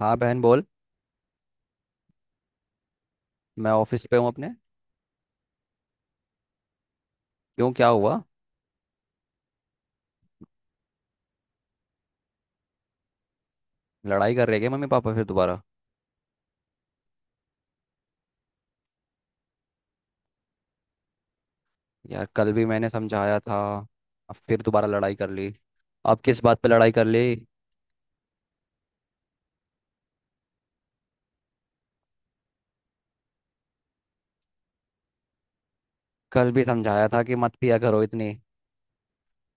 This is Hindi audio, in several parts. हाँ बहन बोल। मैं ऑफिस पे हूँ अपने। क्यों क्या हुआ? लड़ाई कर रहे क्या मम्मी पापा फिर दोबारा? यार कल भी मैंने समझाया था। अब फिर दोबारा लड़ाई कर ली। अब किस बात पे लड़ाई कर ली? कल भी समझाया था कि मत पिया करो इतनी।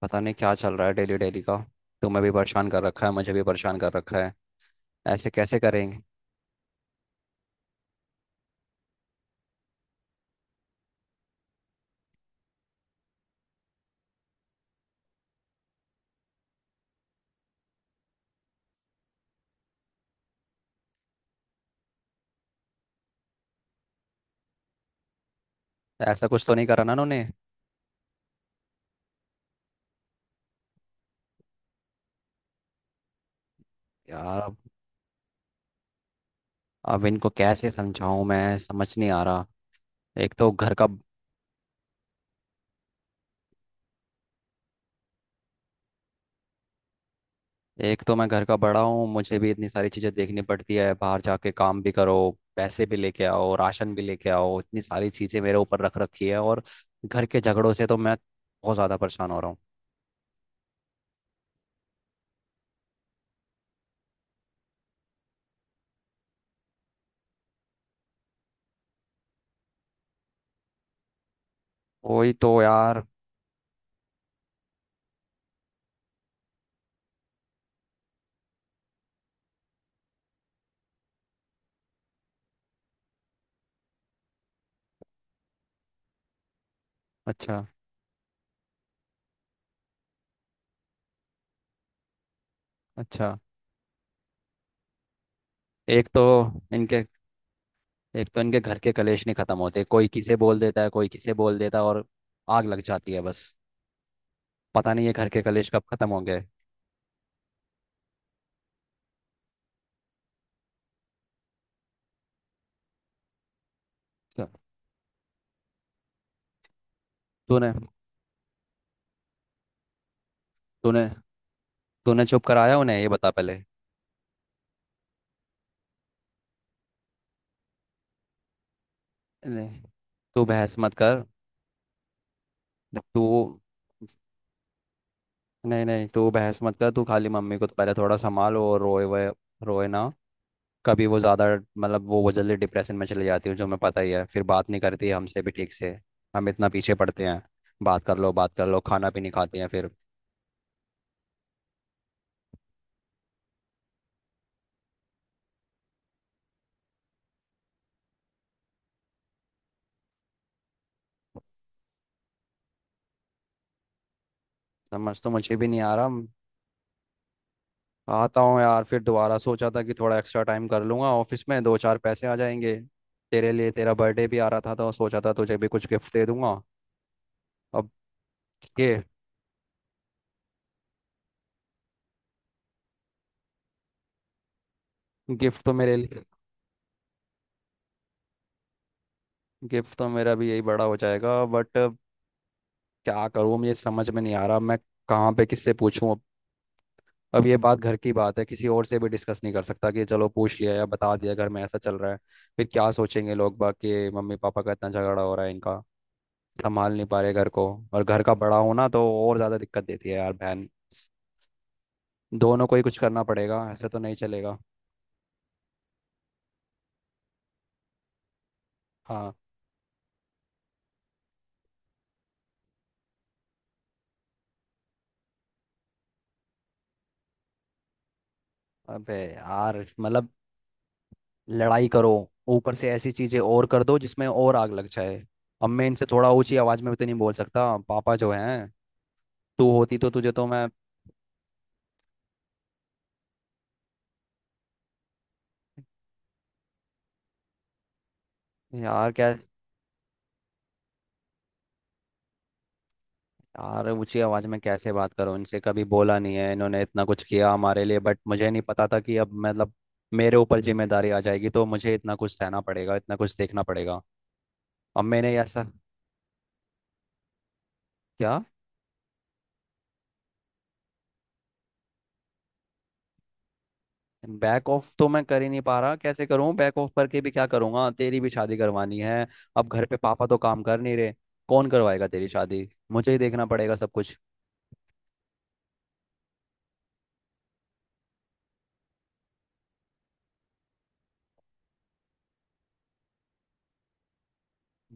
पता नहीं क्या चल रहा है डेली डेली का। तुम्हें भी परेशान कर रखा है, मुझे भी परेशान कर रखा है। ऐसे कैसे करेंगे? ऐसा कुछ तो नहीं करा ना उन्होंने? यार अब इनको कैसे समझाऊं, मैं समझ नहीं आ रहा। एक तो घर का एक तो मैं घर का बड़ा हूँ, मुझे भी इतनी सारी चीज़ें देखनी पड़ती है, बाहर जाके काम भी करो, पैसे भी लेके आओ, राशन भी लेके आओ, इतनी सारी चीज़ें मेरे ऊपर रख रखी है। और घर के झगड़ों से तो मैं बहुत ज़्यादा परेशान हो रहा हूँ। वही तो यार। अच्छा। अच्छा। एक तो इनके एक तो इनके घर के कलेश नहीं ख़त्म होते, कोई किसे बोल देता है कोई किसे बोल देता है, और आग लग जाती है बस। पता नहीं ये घर के कलेश कब ख़त्म होंगे। क्या? तूने तूने तूने चुप कराया उन्हें, ये बता पहले। नहीं, तू बहस मत कर। देख, तू। नहीं नहीं तू बहस मत कर, तू खाली मम्मी को तो पहले थोड़ा संभाल। और रोए वोए, रोए ना, कभी वो ज़्यादा, मतलब वो जल्दी डिप्रेशन में चली जाती है, जो हमें पता ही है, फिर बात नहीं करती है हमसे भी ठीक से। हम इतना पीछे पड़ते हैं, बात कर लो बात कर लो, खाना भी नहीं खाते हैं फिर। समझ तो मुझे भी नहीं आ रहा आता हूँ यार, फिर दोबारा सोचा था कि थोड़ा एक्स्ट्रा टाइम कर लूँगा ऑफिस में, दो चार पैसे आ जाएंगे। तेरे लिए तेरा बर्थडे भी आ रहा था तो सोचा था तुझे भी कुछ गिफ्ट दे दूंगा। अब ये गिफ्ट तो मेरे लिए गिफ्ट तो मेरा भी यही बड़ा हो जाएगा, बट क्या करूँ, मुझे समझ में नहीं आ रहा। मैं कहाँ पे किससे पूछूं अब? अब ये बात घर की बात है, किसी और से भी डिस्कस नहीं कर सकता कि चलो पूछ लिया या बता दिया घर में ऐसा चल रहा है। फिर क्या सोचेंगे लोग, बाकी मम्मी पापा का इतना झगड़ा हो रहा है इनका, संभाल नहीं पा रहे घर को। और घर का बड़ा होना तो और ज़्यादा दिक्कत देती है यार बहन। दोनों को ही कुछ करना पड़ेगा, ऐसे तो नहीं चलेगा। हाँ। अबे यार मतलब, लड़ाई करो, ऊपर से ऐसी चीजें और कर दो जिसमें और आग लग जाए। अब मैं इनसे थोड़ा ऊंची आवाज में भी तो नहीं बोल सकता, पापा जो हैं। तू होती तो तुझे तो मैं, यार क्या, यार ऊंची आवाज में कैसे बात करूं इनसे, कभी बोला नहीं है, इन्होंने इतना कुछ किया हमारे लिए, बट मुझे नहीं पता था कि अब मतलब मेरे ऊपर जिम्मेदारी आ जाएगी तो मुझे इतना कुछ सहना पड़ेगा, इतना कुछ देखना पड़ेगा। अब मैंने ऐसा क्या? बैक ऑफ तो मैं कर ही नहीं पा रहा, कैसे करूं बैक ऑफ करके भी, क्या करूंगा? तेरी भी शादी करवानी है। अब घर पे पापा तो काम कर नहीं रहे, कौन करवाएगा तेरी शादी? मुझे ही देखना पड़ेगा सब कुछ।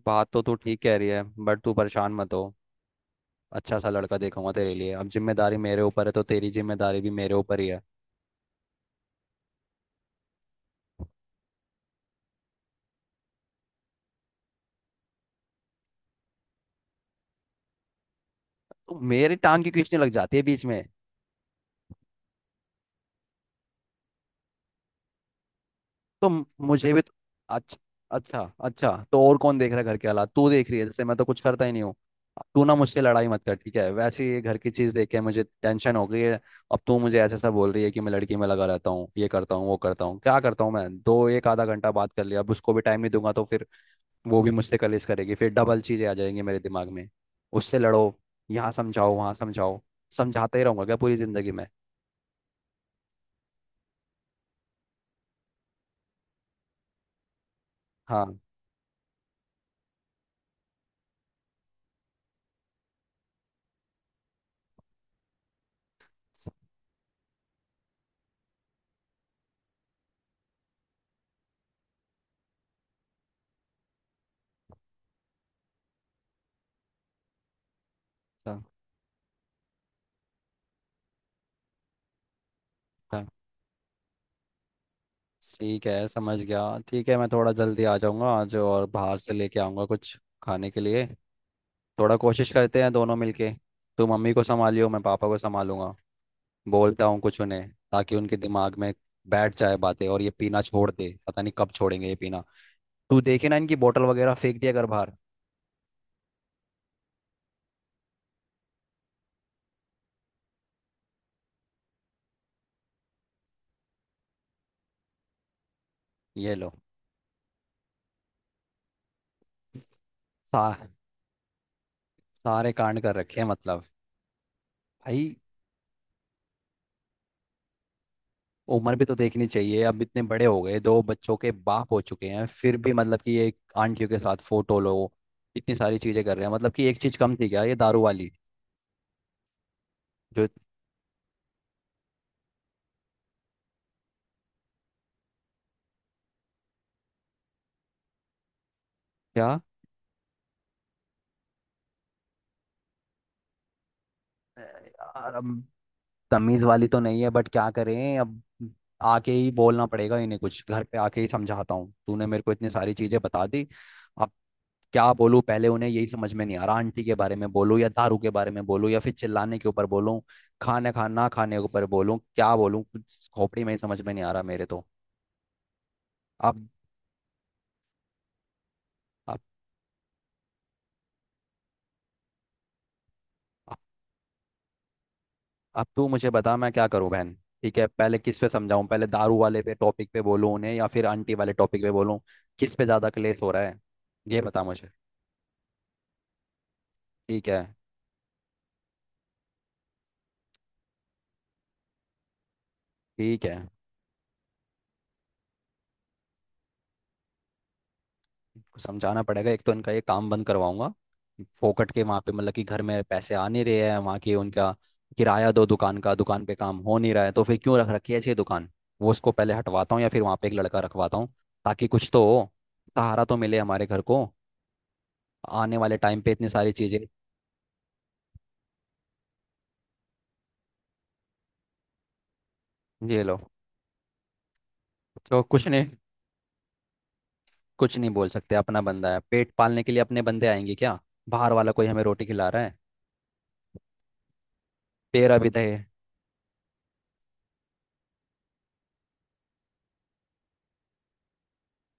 बात तो तू ठीक कह रही है, बट तू परेशान मत हो। अच्छा सा लड़का देखूंगा तेरे लिए, अब जिम्मेदारी मेरे ऊपर है तो तेरी जिम्मेदारी भी मेरे ऊपर ही है। तो मेरी टांग की खींचने लग जाती है बीच में। तो मुझे भी तो, अच्छा, अच्छा अच्छा, तो और कौन देख रहा है घर के हालात, तू देख रही है जैसे मैं तो कुछ करता ही नहीं हूँ। तू ना मुझसे लड़ाई मत कर, ठीक है? वैसे ये घर की चीज़ देख के मुझे टेंशन हो गई है। अब तू मुझे ऐसे ऐसा बोल रही है कि मैं लड़की में लगा रहता हूँ, ये करता हूँ, वो करता हूँ, क्या करता हूँ, मैं दो एक आधा घंटा बात कर लिया, अब उसको भी टाइम नहीं दूंगा तो फिर वो भी मुझसे कलेश करेगी, फिर डबल चीज़ें आ जाएंगी मेरे दिमाग में। उससे लड़ो, यहाँ समझाओ, वहाँ समझाओ, समझाता ही रहूंगा क्या पूरी जिंदगी में? हाँ। अच्छा, अच्छा। ठीक है, समझ गया। ठीक है, मैं थोड़ा जल्दी आ जाऊंगा आज और बाहर से लेके आऊंगा कुछ खाने के लिए। थोड़ा कोशिश करते हैं दोनों मिलके, तू मम्मी को संभालियो, मैं पापा को संभालूंगा। बोलता हूँ कुछ उन्हें ताकि उनके दिमाग में बैठ जाए बातें, और ये पीना छोड़ दे, पता नहीं कब छोड़ेंगे ये पीना। तू देखे ना इनकी बोतल वगैरह फेंक दिया कर बाहर। ये लो। सा, सारे कांड कर रखे हैं मतलब। भाई उम्र भी तो देखनी चाहिए, अब इतने बड़े हो गए, दो बच्चों के बाप हो चुके हैं, फिर भी मतलब कि ये आंटियों के साथ फोटो लो, इतनी सारी चीजें कर रहे हैं, मतलब कि एक चीज कम थी क्या ये दारू वाली? जो क्या, यार अब तमीज वाली तो नहीं है, बट क्या करें अब? आके ही बोलना पड़ेगा इन्हें कुछ, घर पे आके ही समझाता हूँ, तूने मेरे को इतनी सारी चीजें बता दी। अब क्या बोलूं पहले उन्हें, यही समझ में नहीं आ रहा, आंटी के बारे में बोलूं या दारू के बारे में बोलूं या फिर चिल्लाने के ऊपर बोलूं, खाने खा ना खाने के ऊपर बोलूं, क्या बोलूं, कुछ खोपड़ी में ही समझ में नहीं आ रहा मेरे तो। अब अब अब अब तू मुझे बता, मैं क्या करूं बहन? ठीक है, पहले किस पे समझाऊं? पहले दारू वाले पे टॉपिक पे बोलूं उन्हें या फिर आंटी वाले टॉपिक पे बोलूं? किस पे ज्यादा क्लेश हो रहा है, ये बता मुझे। ठीक है। ठीक है। इनको समझाना पड़ेगा, एक तो इनका ये काम बंद करवाऊंगा फोकट के, वहाँ पे मतलब कि घर में पैसे आ नहीं रहे हैं, वहाँ के उनका किराया दो, दुकान का दुकान पे काम हो नहीं रहा है तो फिर क्यों रख रखी है ऐसी ये दुकान? वो उसको पहले हटवाता हूँ या फिर वहाँ पे एक लड़का रखवाता हूँ, ताकि कुछ तो हो, सहारा तो मिले हमारे घर को आने वाले टाइम पे इतनी सारी चीज़ें। ये लो। तो कुछ नहीं, कुछ नहीं बोल सकते, अपना बंदा है, पेट पालने के लिए अपने बंदे आएंगे क्या? बाहर वाला कोई हमें रोटी खिला रहा है? तेरा भी दे।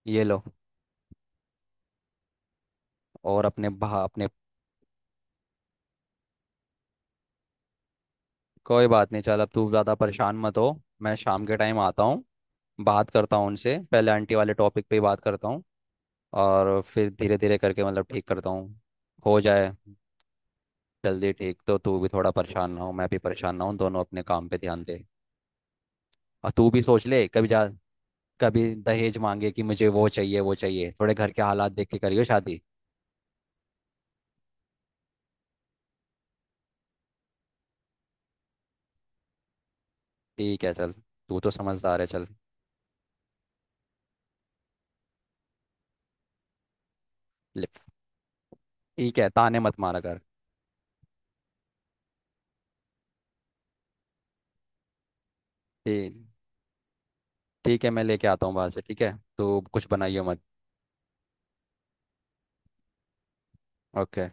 ये लो। और अपने कोई बात नहीं, चल अब तू ज़्यादा परेशान मत हो। मैं शाम के टाइम आता हूँ, बात करता हूँ उनसे, पहले आंटी वाले टॉपिक पे ही बात करता हूँ और फिर धीरे धीरे करके मतलब ठीक करता हूँ। हो जाए जल्दी ठीक तो तू भी थोड़ा परेशान ना हो, मैं भी परेशान ना हूँ, दोनों अपने काम पे ध्यान दे। और तू भी सोच ले, कभी जा, कभी दहेज मांगे कि मुझे वो चाहिए वो चाहिए, थोड़े घर के हालात देख के करियो शादी। ठीक है चल, तू तो समझदार है चल। ले- ठीक है, ताने मत मारा कर। ठीक, ठीक है, मैं लेके आता हूँ बाहर से, ठीक है, तू कुछ बनाइयो मत। ओके।